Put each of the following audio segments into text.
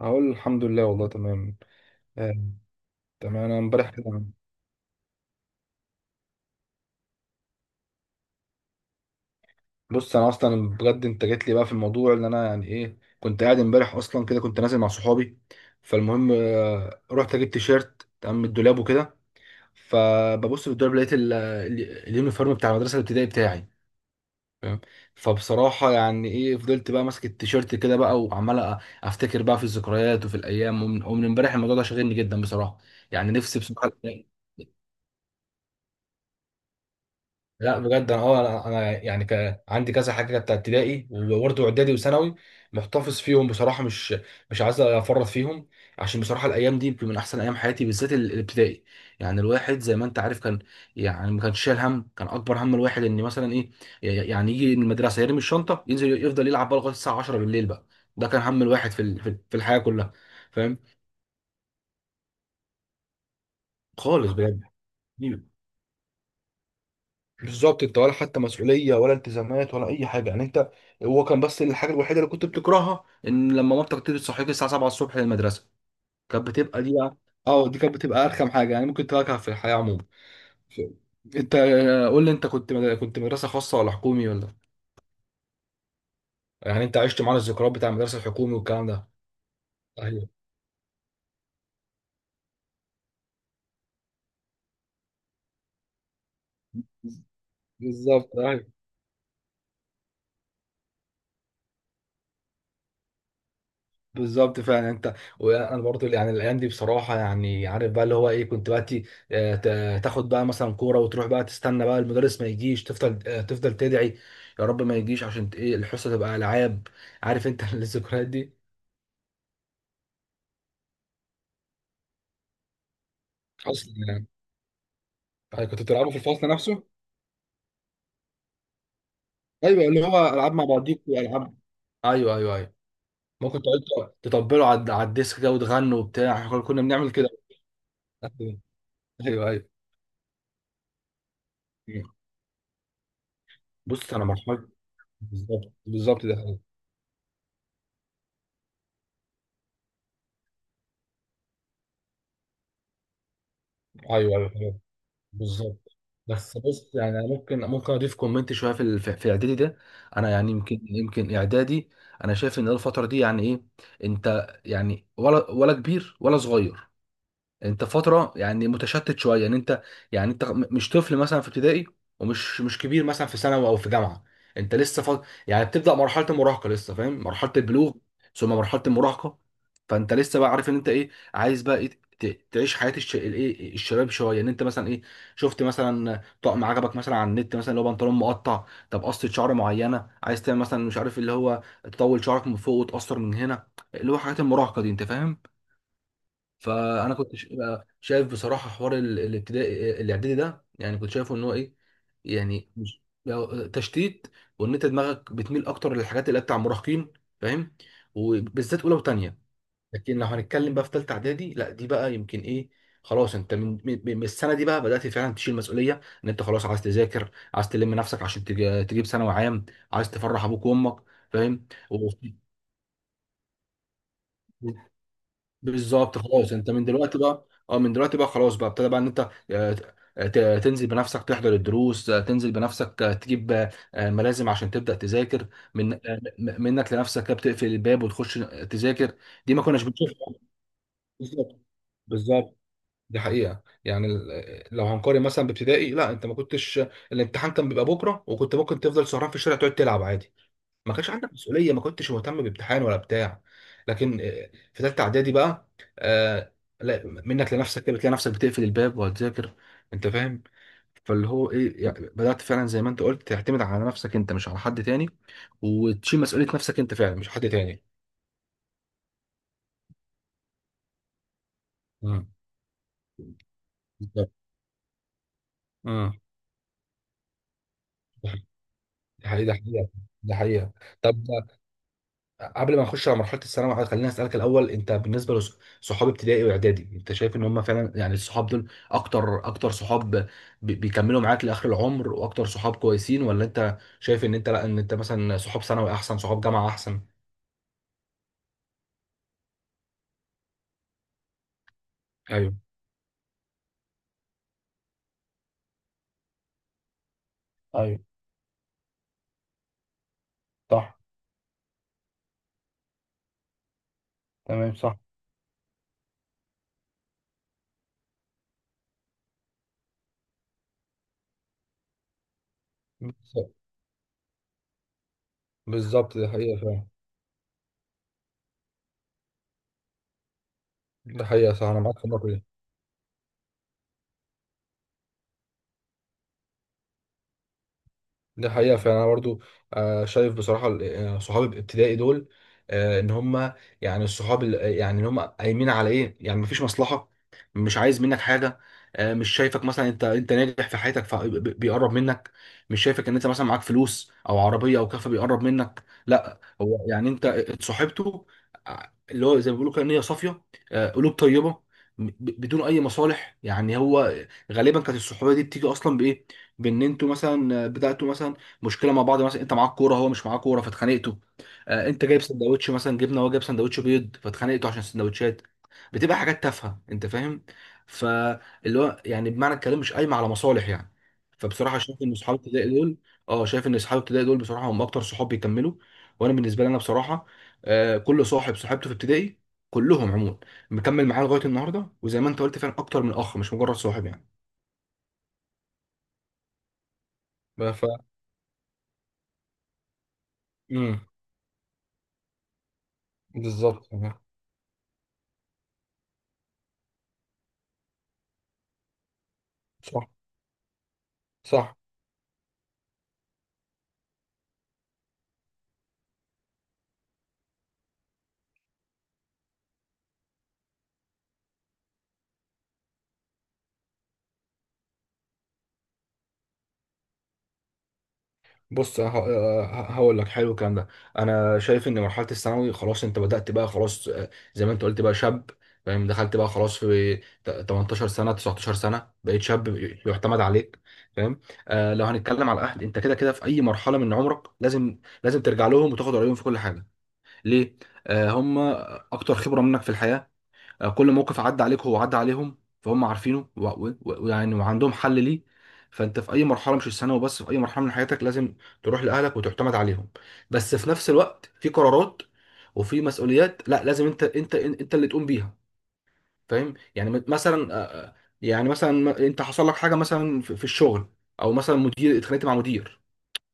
اقول الحمد لله والله تمام. آه. تمام، انا امبارح كده. بص، انا اصلا بجد انت جيت لي بقى في الموضوع اللي انا يعني ايه كنت قاعد امبارح اصلا كده، كنت نازل مع صحابي. فالمهم رحت اجيب تيشيرت تمام من الدولاب وكده. فببص في الدولاب لقيت اليونيفورم بتاع المدرسه الابتدائي بتاعي، فاهم؟ فبصراحه يعني ايه فضلت بقى ماسك التيشيرت كده بقى وعمال افتكر بقى في الذكريات وفي الايام، ومن امبارح الموضوع ده شاغلني جدا بصراحه. يعني نفسي بصراحه. لا بجد انا انا يعني عندي كذا حاجه كانت ابتدائي وبرضه اعدادي وثانوي، محتفظ فيهم بصراحه. مش عايز افرط فيهم، عشان بصراحه الايام دي يمكن من احسن ايام حياتي، بالذات الابتدائي. يعني الواحد زي ما انت عارف كان، يعني ما كانش شايل هم. كان اكبر هم الواحد ان مثلا ايه، يعني يجي من المدرسه يرمي الشنطه ينزل يفضل يلعب بقى لغايه الساعه 10 بالليل بقى. ده كان هم الواحد في الحياه كلها، فاهم؟ خالص بجد. بالظبط، انت ولا حتى مسؤوليه ولا التزامات ولا اي حاجه يعني. انت هو كان بس الحاجه الوحيده اللي كنت بتكرهها ان لما مامتك تيجي تصحيك الساعه 7 الصبح للمدرسه. كانت بتبقى دي، اه دي كانت بتبقى ارخم حاجه يعني ممكن تواجهها في الحياه عموما. ف- انت قول لي، انت كنت كنت مدرسه خاصه ولا حكومي ولا؟ يعني انت عشت معانا الذكريات بتاع المدرسه الحكومي والكلام ده. ايوه. بالظبط، ايوه. بالظبط فعلا. انت وانا برضو يعني الايام دي بصراحه، يعني عارف بقى اللي هو ايه، كنت بقى تاخد بقى مثلا كوره وتروح بقى تستنى بقى المدرس ما يجيش، تفضل تفضل تدعي يا رب ما يجيش عشان ت- ايه الحصه تبقى العاب. عارف انت؟ الذكريات دي اصلا يعني. يعني كنت بتلعبوا في الفصل نفسه؟ ايوه، اللي هو العاب مع بعضيك والعاب. ايوه، ايوه، ايوه. ممكن تقعدوا تطبلوا على الديسك كده وتغنوا وبتاع. احنا كنا بنعمل كده. ايوه، ايوه. بص انا مرحله، بالظبط بالظبط ده، ايوه، ايوه، ايوه. بالظبط. بس بص، يعني انا ممكن اضيف كومنت شويه في ال- في في اعدادي ده. انا يعني يمكن اعدادي، انا شايف ان الفتره دي يعني ايه، انت يعني ولا كبير ولا صغير. انت فتره يعني متشتت شويه، ان انت يعني انت مش طفل مثلا في ابتدائي، ومش مش كبير مثلا في ثانوي او في جامعه. انت لسه يعني بتبدا مرحله المراهقه لسه، فاهم؟ مرحله البلوغ ثم مرحله المراهقه. فانت لسه بقى عارف ان انت ايه عايز بقى ايه، تعيش حياه الشباب شويه، ان انت مثلا ايه، شفت مثلا طقم عجبك مثلا على النت مثلا، اللي هو بنطلون مقطع. طب قصه شعر معينه عايز تعمل مثلا، مش عارف، اللي هو تطول شعرك من فوق وتقصر من هنا، اللي هو حاجات المراهقه دي، انت فاهم؟ فانا كنت بقى شايف بصراحه حوار الابتدائي الاعدادي ده، يعني كنت شايفه ان هو ايه، يعني مش بقى تشتيت، وان انت دماغك بتميل اكتر للحاجات اللي هي بتاع مراهقين، فاهم؟ وبالذات اولى وثانيه. لكن لو هنتكلم بقى في ثالثه اعدادي، لا دي بقى يمكن ايه، خلاص انت من السنه دي بقى بدات فعلا تشيل مسؤوليه، ان انت خلاص عايز تذاكر، عايز تلم نفسك عشان تجيب ثانوي عام، عايز تفرح ابوك وامك، فاهم؟ بالظبط. خلاص انت من دلوقتي بقى، اه من دلوقتي بقى خلاص، بقى ابتدى بقى ان انت تنزل بنفسك تحضر الدروس، تنزل بنفسك، تجيب ملازم عشان تبدأ تذاكر، من آه، منك لنفسك كده، بتقفل الباب وتخش تذاكر. دي ما كناش بنشوفها. بالظبط، بالظبط. دي حقيقة، يعني لو هنقارن مثلا بابتدائي، لا انت ما كنتش، الامتحان كان بيبقى بكرة وكنت ممكن تفضل سهران في الشارع تقعد تلعب عادي، ما كانش عندك مسؤوليه، ما كنتش مهتم بامتحان ولا بتاع. لكن في ثالثه اعدادي بقى، آه، لا منك لنفسك كده بتلاقي نفسك بتقفل الباب وهتذاكر، انت فاهم؟ فاللي هو ايه يعني، بدات فعلا زي ما انت قلت تعتمد على نفسك انت، مش على حد تاني، وتشيل مسؤوليه نفسك انت فعلا، مش حد تاني. امم. بالظبط. امم. ده حقيقة، ده حقيقة، ده حقيقة. طب قبل ما نخش على مرحله الثانوي خليني اسالك الاول، انت بالنسبه لصحاب ابتدائي واعدادي، انت شايف ان هم فعلا يعني الصحاب دول اكتر صحاب بيكملوا معاك لاخر العمر واكتر صحاب كويسين، ولا انت شايف ان انت لا، ان انت مثلا صحاب ثانوي احسن، صحاب جامعه احسن؟ ايوه، ايوه، صح. تمام، صح. بالظبط، بالظبط، دي حقيقة فعلا. دي حقيقة، صح، أنا معاك في النقطة دي. ده حقيقة فعلا، أنا برضو شايف بصراحة صحابي الابتدائي دول، إن هما يعني الصحاب يعني إن هما قايمين على إيه، يعني مفيش مصلحة، مش عايز منك حاجة، مش شايفك مثلا أنت ناجح في حياتك فبيقرب منك، مش شايفك إن أنت مثلا معاك فلوس أو عربية أو كافة بيقرب منك، لا هو يعني أنت اتصاحبته ع- اللي هو زي ما بيقولوا كده، نية صافية، قلوب طيبة، بدون أي مصالح. يعني هو غالبا كانت الصحوبية دي بتيجي أصلا بإيه، بان انتوا مثلا بداتوا مثلا مشكله مع بعض، مثلا انت معاك كوره هو مش معاه كوره فاتخانقتوا، انت جايب سندوتش مثلا جبنه، هو جايب سندوتش بيض، فاتخانقتوا عشان السندوتشات، بتبقى حاجات تافهه، انت فاهم؟ فاللي هو يعني بمعنى الكلام مش قايمه على مصالح يعني. فبصراحه شايف ان اصحاب ابتدائي دول، اه شايف ان اصحاب ابتدائي دول بصراحه هم اكتر صحاب بيكملوا. وانا بالنسبه لي انا بصراحه، كل صاحب صاحبته في ابتدائي، كلهم عموما مكمل معايا لغايه النهارده، وزي ما انت قلت فعلا اكتر من اخ، مش مجرد صاحب يعني. ف... مم. بالظبط، تمام. صح، صح. بص هقول لك، حلو الكلام ده. انا شايف ان مرحله الثانوي، خلاص انت بدات بقى، خلاص زي ما انت قلت بقى شاب، فاهم؟ دخلت بقى خلاص في 18 سنه 19 سنه، بقيت شاب يعتمد عليك، فاهم؟ آه لو هنتكلم على الاهل، انت كده كده في اي مرحله من عمرك لازم ترجع لهم وتاخد رايهم في كل حاجه. ليه؟ آه، هم اكتر خبره منك في الحياه، كل موقف عدى عليك هو عدى عليهم، فهم عارفينه و وعندهم حل ليه. فانت في اي مرحله، مش الثانوي وبس، في اي مرحله من حياتك لازم تروح لاهلك وتعتمد عليهم. بس في نفس الوقت في قرارات وفي مسؤوليات لا، لازم انت اللي تقوم بيها، فاهم يعني؟ مثلا يعني مثلا انت حصل لك حاجه مثلا في الشغل، او مثلا مدير اتخانقت مع مدير،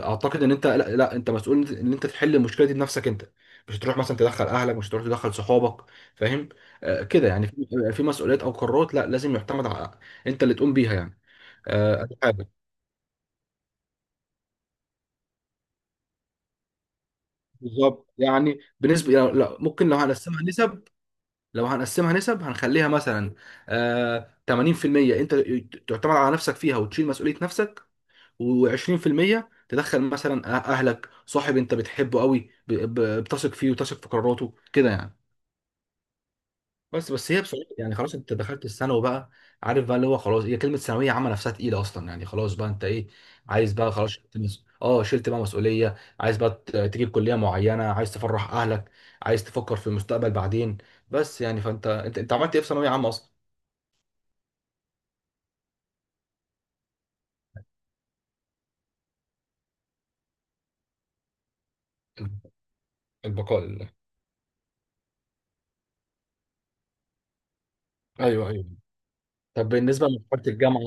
اعتقد ان انت لا, لا انت مسؤول ان انت تحل المشكله دي بنفسك انت، مش هتروح مثلا تدخل اهلك، مش هتروح تدخل صحابك، فاهم؟ آه كده يعني، في في مسؤوليات او قرارات لا، لازم يعتمد على انت اللي تقوم بيها يعني. آه أدي حاجه. بالظبط، يعني بالنسبه لا, لا ممكن لو هنقسمها نسب، هنخليها مثلا آه 80% انت تعتمد على نفسك فيها وتشيل مسؤوليه نفسك، و20% تدخل مثلا اهلك، صاحب انت بتحبه قوي بتثق فيه وتثق في قراراته كده يعني. بس بس هي بصراحه يعني، خلاص انت دخلت الثانوي بقى، عارف بقى اللي هو خلاص، هي كلمه ثانويه عامه نفسها تقيله اصلا، يعني خلاص بقى انت ايه، عايز بقى خلاص شلت مس... اه شلت بقى مسؤوليه، عايز بقى تجيب كليه معينه، عايز تفرح اهلك، عايز تفكر في المستقبل بعدين. بس يعني فانت انت عملت ايه في ثانويه عامه اصلا؟ البقاء لله. ايوه، ايوه. طب بالنسبه لمرحله الجامعه،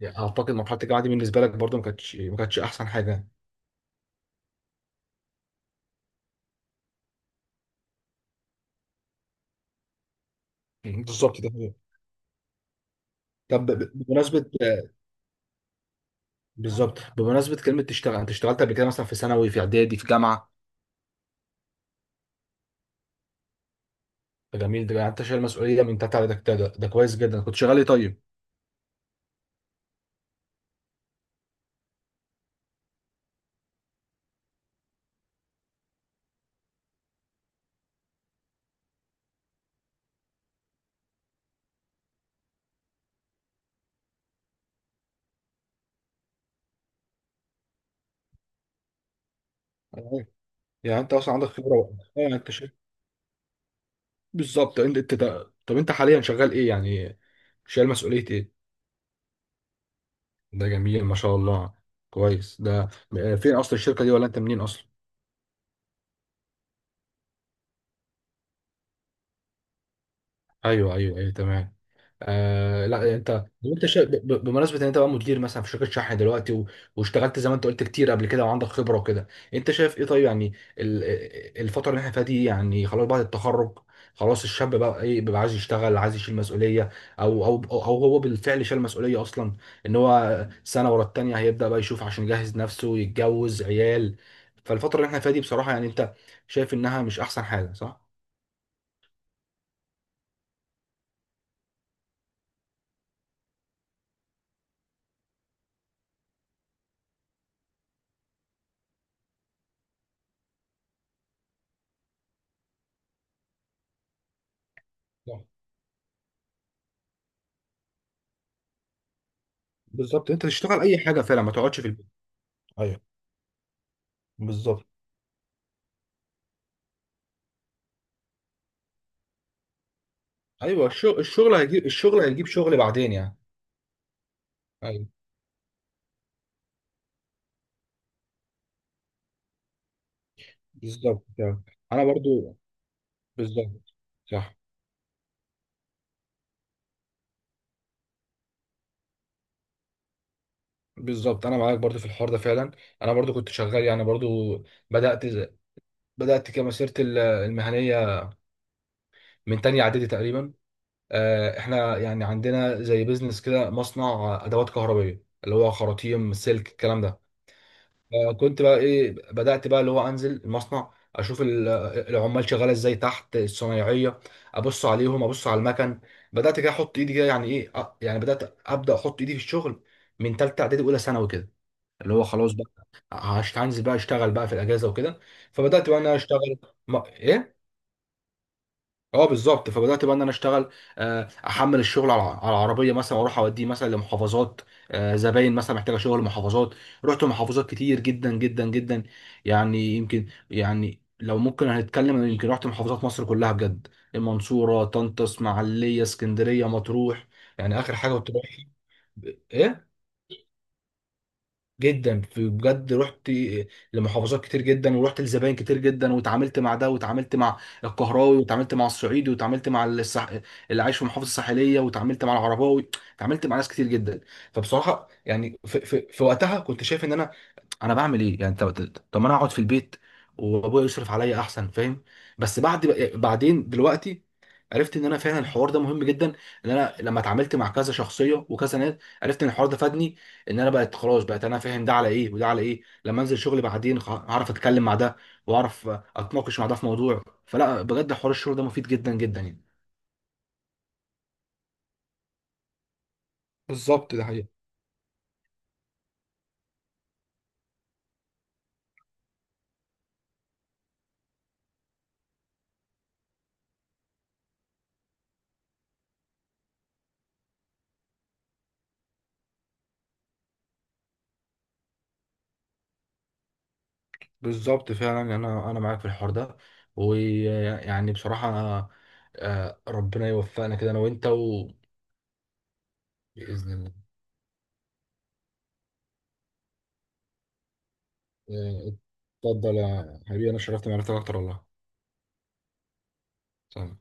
يعني اعتقد مرحله الجامعه دي بالنسبه لك برضو ما كانتش احسن حاجه. بالظبط ده. طب بمناسبه، بالظبط، بمناسبه كلمه تشتغل، انت اشتغلت قبل كده مثلا في ثانوي في اعدادي في جامعه؟ فجميل ده، يعني انت شايل مسؤوليه من تحت، على ده كويس جدا. كنت شغال ايه طيب؟ أيوة. يعني انت اصلا عندك خبره يعني انت شايل، بالظبط. انت ده. طب انت حاليا شغال ايه يعني، شايل مسؤوليه ايه؟ ده جميل ما شاء الله. كويس ده فين اصلا الشركه دي، ولا انت منين اصلا؟ ايوه، ايوه، ايوه، تمام. آه لا يعني انت لو انت بمناسبه ان انت بقى مدير مثلا في شركه شحن دلوقتي و... واشتغلت زي ما انت قلت كتير قبل كده وعندك خبره وكده، انت شايف ايه طيب يعني، ال... الفتره اللي احنا فيها دي، يعني خلاص بعد التخرج، خلاص الشاب بقى ايه بيبقى عايز يشتغل، عايز يشيل مسؤوليه، او او او أو هو بالفعل شال مسؤوليه اصلا، ان هو سنه ورا التانيه هيبدا بقى يشوف عشان يجهز نفسه يتجوز عيال. فالفتره اللي احنا فيها دي بصراحه يعني، انت شايف انها مش احسن حاجه، صح؟ صح. بالظبط، انت تشتغل اي حاجه فعلا، ما تقعدش في البيت. ايوه. بالظبط. ايوه، الشغل، الشغل هيجيب شغل بعدين يعني. ايوه، بالظبط كده. انا برضو. بالظبط. صح. بالظبط، انا معاك برضو في الحوار ده فعلا. انا برضو كنت شغال يعني، برضو بدات بدات كمسيرتي المهنيه من تانية اعدادي تقريبا. احنا يعني عندنا زي بيزنس كده، مصنع ادوات كهربائيه، اللي هو خراطيم سلك الكلام ده. كنت بقى ايه، بدأت بقى اللي هو انزل المصنع اشوف العمال شغاله ازاي تحت الصنايعيه، ابص عليهم، ابص على المكن، بدأت كده احط ايدي كده، يعني ايه يعني ابدأ احط ايدي في الشغل من ثالثه اعدادي اولى ثانوي كده، اللي هو خلاص بقى هنزل بقى اشتغل بقى في الاجازه وكده. فبدأت بقى إن انا اشتغل. ما... ايه اه بالظبط، فبدات بقى ان انا اشتغل، احمل الشغل على على العربيه مثلا واروح اوديه مثلا لمحافظات، زباين مثلا محتاجه شغل محافظات. رحت محافظات كتير جدا. يعني يمكن يعني لو ممكن هنتكلم، أنا يمكن رحت محافظات مصر كلها بجد، المنصوره، طنطا، اسماعيليه، اسكندريه، مطروح، يعني اخر حاجه كنت رايح، ايه جدا. في بجد رحت لمحافظات كتير جدا، ورحت لزباين كتير جدا، واتعاملت مع ده واتعاملت مع القهراوي واتعاملت مع الصعيدي واتعاملت مع اللي عايش في المحافظه الساحليه، واتعاملت مع العرباوي، اتعاملت مع ناس كتير جدا. فبصراحه يعني في وقتها كنت شايف ان انا انا بعمل ايه يعني، طب طب ما انا اقعد في البيت وابويا يصرف عليا احسن، فاهم؟ بس بعد، بعدين دلوقتي عرفت ان انا فعلا الحوار ده مهم جدا، ان انا لما اتعاملت مع كذا شخصيه وكذا ناس عرفت ان الحوار ده فادني، ان انا بقت خلاص بقت انا فاهم ده على ايه وده على ايه، لما انزل شغل بعدين هعرف اتكلم مع ده واعرف اتناقش مع ده في موضوع. فلا بجد حوار الشغل ده مفيد جدا جدا يعني. بالظبط، ده حقيقي. بالظبط فعلا، يعني انا معاك في الحوار ده، ويعني بصراحه ربنا يوفقنا كده انا وانت وباذن الله. آه، اتفضل يا حبيبي، انا شرفت معرفتك اكتر والله. سلام.